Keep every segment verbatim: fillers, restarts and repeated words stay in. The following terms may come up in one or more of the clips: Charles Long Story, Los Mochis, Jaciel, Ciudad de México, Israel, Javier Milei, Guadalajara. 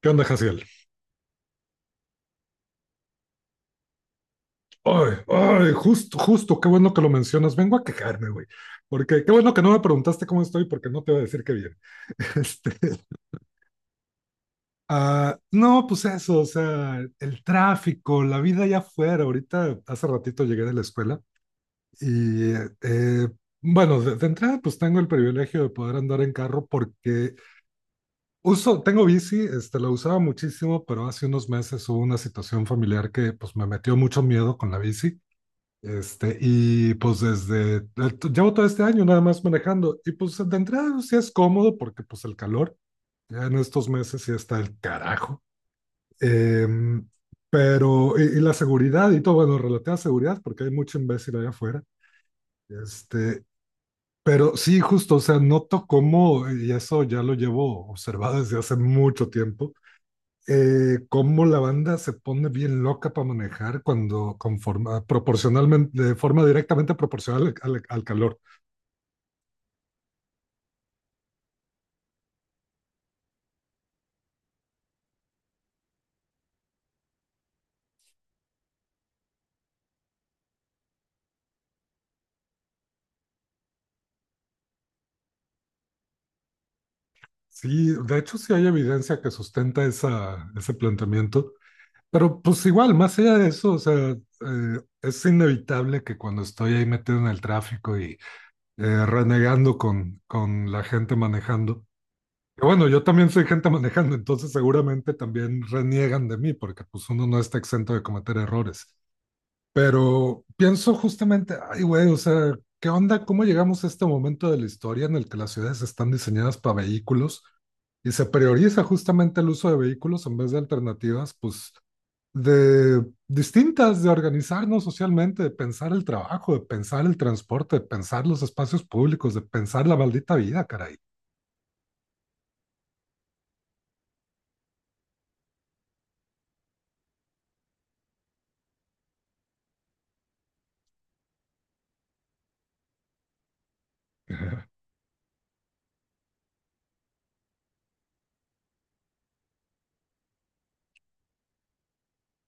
¿Qué onda, Jaciel? Ay, ay, justo, justo, qué bueno que lo mencionas. Vengo a quejarme, güey. Porque qué bueno que no me preguntaste cómo estoy, porque no te voy a decir que bien. Este, ah, no, pues eso, o sea, el tráfico, la vida allá afuera. Ahorita, hace ratito llegué de la escuela y, eh, bueno, de, de entrada, pues tengo el privilegio de poder andar en carro porque uso, tengo bici, este, la usaba muchísimo, pero hace unos meses hubo una situación familiar que, pues, me metió mucho miedo con la bici. Este, y pues desde, llevo todo este año nada más manejando, y pues de entrada sí es cómodo porque pues el calor, ya en estos meses sí está el carajo. Em, pero, y, y la seguridad y todo, bueno, relativa a seguridad, porque hay mucho imbécil allá afuera. Este, pero sí, justo, o sea, noto cómo, y eso ya lo llevo observado desde hace mucho tiempo, eh, cómo la banda se pone bien loca para manejar cuando conforma, proporcionalmente, de forma directamente proporcional al, al calor. Sí, de hecho sí hay evidencia que sustenta esa, ese planteamiento, pero pues igual, más allá de eso, o sea, eh, es inevitable que cuando estoy ahí metido en el tráfico y eh, renegando con, con la gente manejando, que bueno, yo también soy gente manejando, entonces seguramente también reniegan de mí porque pues uno no está exento de cometer errores. Pero pienso justamente, ay, güey, o sea, ¿qué onda? ¿Cómo llegamos a este momento de la historia en el que las ciudades están diseñadas para vehículos y se prioriza justamente el uso de vehículos en vez de alternativas, pues, de distintas, de organizarnos socialmente, de pensar el trabajo, de pensar el transporte, de pensar los espacios públicos, de pensar la maldita vida, caray?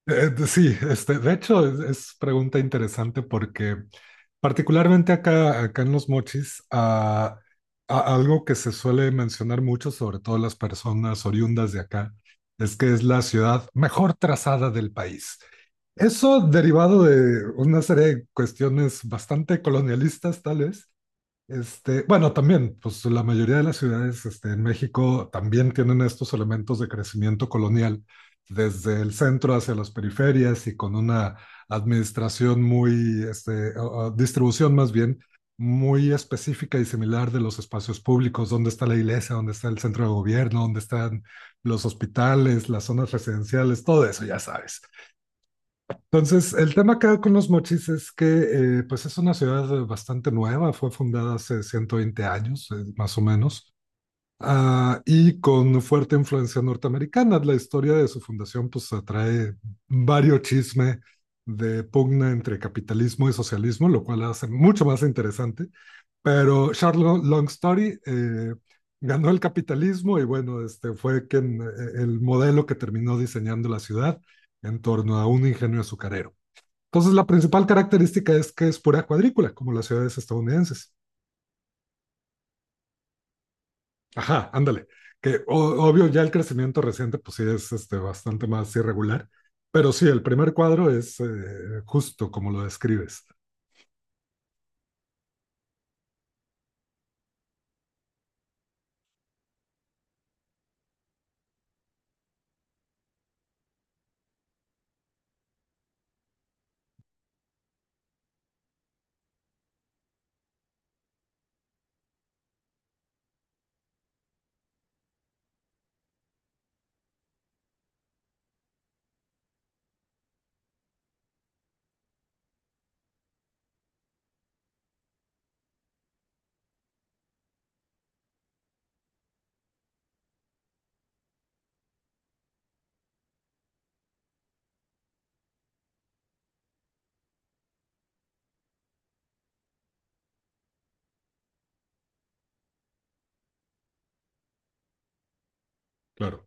Eh, de- sí, este, de hecho es, es pregunta interesante porque particularmente acá, acá en Los Mochis, ah, a- algo que se suele mencionar mucho, sobre todo las personas oriundas de acá, es que es la ciudad mejor trazada del país. Eso derivado de una serie de cuestiones bastante colonialistas, tal vez, este, bueno, también, pues la mayoría de las ciudades, este, en México también tienen estos elementos de crecimiento colonial, desde el centro hacia las periferias y con una administración muy, este, o- o distribución más bien, muy específica y similar de los espacios públicos, dónde está la iglesia, dónde está el centro de gobierno, dónde están los hospitales, las zonas residenciales, todo eso, ya sabes. Entonces, el tema acá con Los Mochis es que, eh, pues es una ciudad bastante nueva, fue fundada hace ciento veinte años, eh, más o menos, ah, y con fuerte influencia norteamericana. La historia de su fundación pues atrae varios chisme de pugna entre capitalismo y socialismo, lo cual la hace mucho más interesante. Pero Charles Long Story, eh, ganó el capitalismo y bueno, este fue quien, eh, el modelo que terminó diseñando la ciudad en torno a un ingenio azucarero. Entonces, la principal característica es que es pura cuadrícula, como las ciudades estadounidenses. Ajá, ándale. Que o- obvio, ya el crecimiento reciente, pues sí es, este, bastante más irregular, pero sí, el primer cuadro es, eh, justo como lo describes, claro.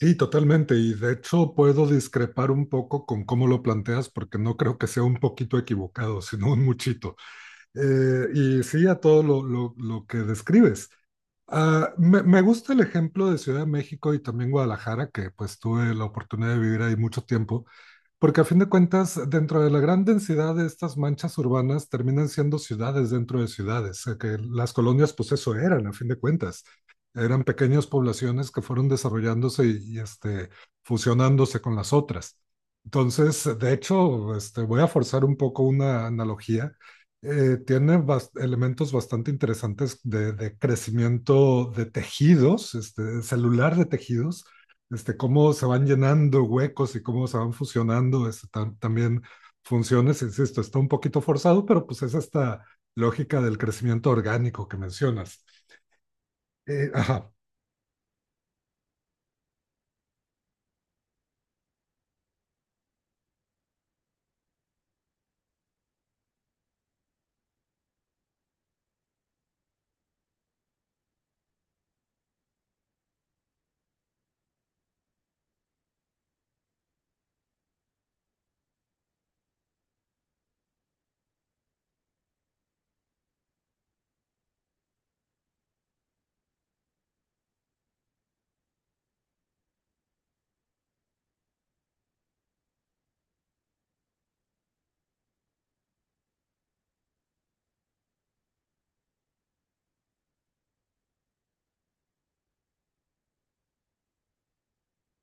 Sí, totalmente. Y de hecho, puedo discrepar un poco con cómo lo planteas, porque no creo que sea un poquito equivocado, sino un muchito. Eh, y sí, a todo lo, lo lo que describes. Ah, me, me gusta el ejemplo de Ciudad de México y también Guadalajara, que pues tuve la oportunidad de vivir ahí mucho tiempo, porque a fin de cuentas, dentro de la gran densidad de estas manchas urbanas, terminan siendo ciudades dentro de ciudades, eh, que las colonias pues eso eran, a fin de cuentas. Eran pequeñas poblaciones que fueron desarrollándose y, y, este, fusionándose con las otras. Entonces, de hecho, este, voy a forzar un poco una analogía. Eh, tiene bas- elementos bastante interesantes de, de crecimiento de tejidos, este, celular de tejidos, este, cómo se van llenando huecos y cómo se van fusionando, este, tam- también funciones, insisto, está un poquito forzado, pero pues es esta lógica del crecimiento orgánico que mencionas. Eh, ajá,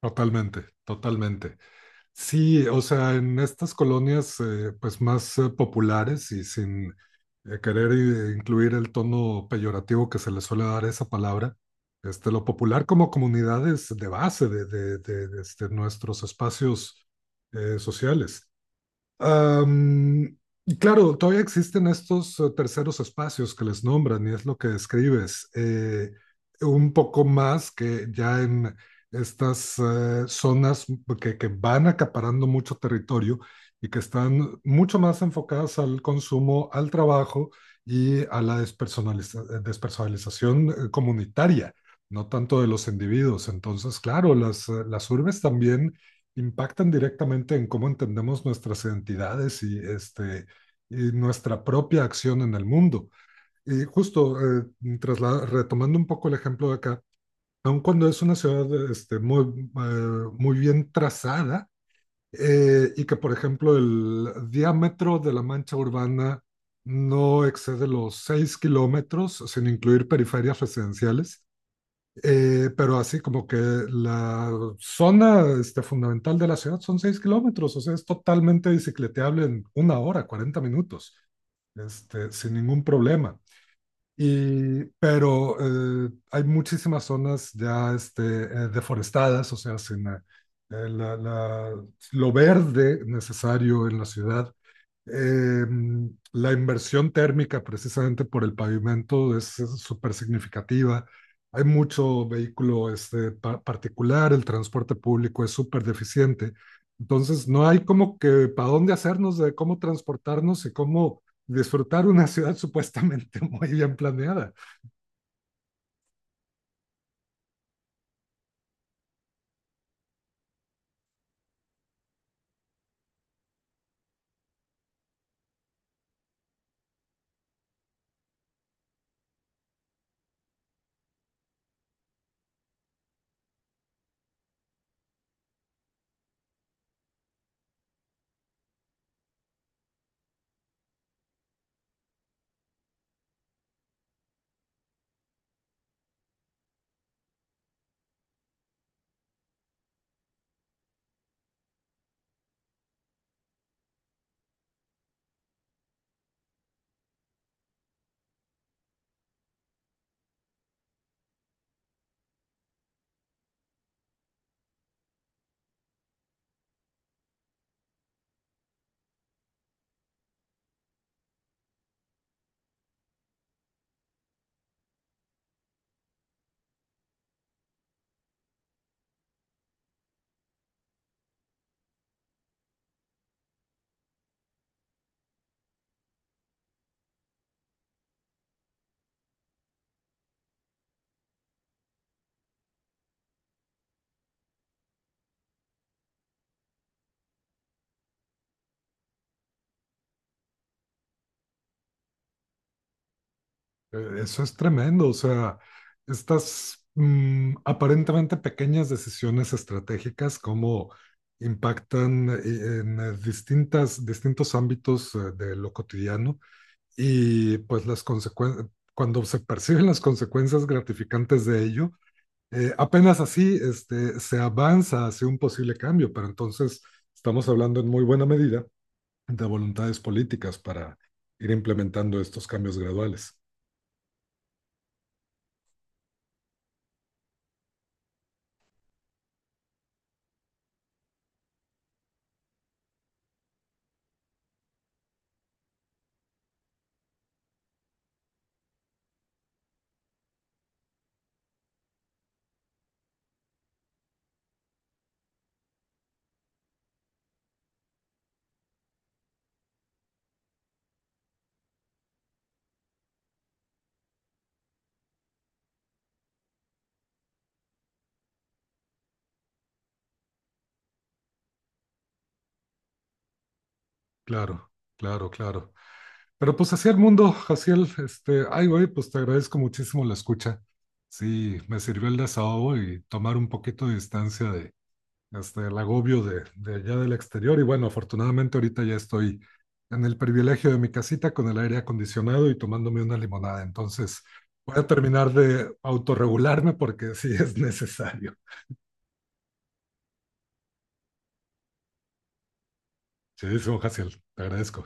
totalmente, totalmente. Sí, o sea, en estas colonias, eh, pues más, eh, populares y sin, eh, querer, eh, incluir el tono peyorativo que se le suele dar a esa palabra, este, lo popular como comunidades de base de, de- de- de, este, nuestros espacios, eh, sociales. Am, y claro, todavía existen estos, eh, terceros espacios que les nombran y es lo que describes. Eh, un poco más que ya en estas, eh, zonas que, que van acaparando mucho territorio y que están mucho más enfocadas al consumo, al trabajo y a la despersonaliza- eh, despersonalización, eh, comunitaria, no tanto de los individuos. Entonces, claro, las, eh, las urbes también impactan directamente en cómo entendemos nuestras identidades y, este, y nuestra propia acción en el mundo. Y justo, eh, trasla- retomando un poco el ejemplo de acá, aun cuando es una ciudad, este, muy, eh, muy bien trazada, eh, y que, por ejemplo, el diámetro de la mancha urbana no excede los seis kilómetros, sin incluir periferias residenciales. Eh, pero así como que la zona, este, fundamental de la ciudad son seis kilómetros, o sea, es totalmente bicicleteable en una hora, cuarenta minutos, este, sin ningún problema. Y pero, eh, hay muchísimas zonas ya, este, eh, deforestadas, o sea, sin, eh, eh, la- la- lo verde necesario en la ciudad. eh, la inversión térmica precisamente por el pavimento es súper significativa. Hay mucho vehículo, este, pa- particular. El transporte público es súper deficiente. Entonces, no hay como que para dónde hacernos de cómo transportarnos y cómo disfrutar una ciudad supuestamente muy bien planeada. Eh, Eso es tremendo, o sea, estas, mm, aparentemente pequeñas decisiones estratégicas, cómo impactan, eh, en, eh, distintas, distintos ámbitos, eh, de lo cotidiano y pues las consecuencias, cuando se perciben las consecuencias gratificantes de ello, eh, apenas así, este, se avanza hacia un posible cambio, pero entonces estamos hablando en muy buena medida de voluntades políticas para ir implementando estos cambios graduales. Claro, claro, claro. Pero pues así el mundo, Jaciel, este, ay, güey, pues te agradezco muchísimo la escucha. Sí, me sirvió el desahogo y tomar un poquito de distancia de, este, el agobio de, de allá del exterior. Y bueno, afortunadamente ahorita ya estoy en el privilegio de mi casita con el aire acondicionado y tomándome una limonada. Entonces voy a terminar de autorregularme porque sí es necesario. Sí, Jaciel, te agradezco.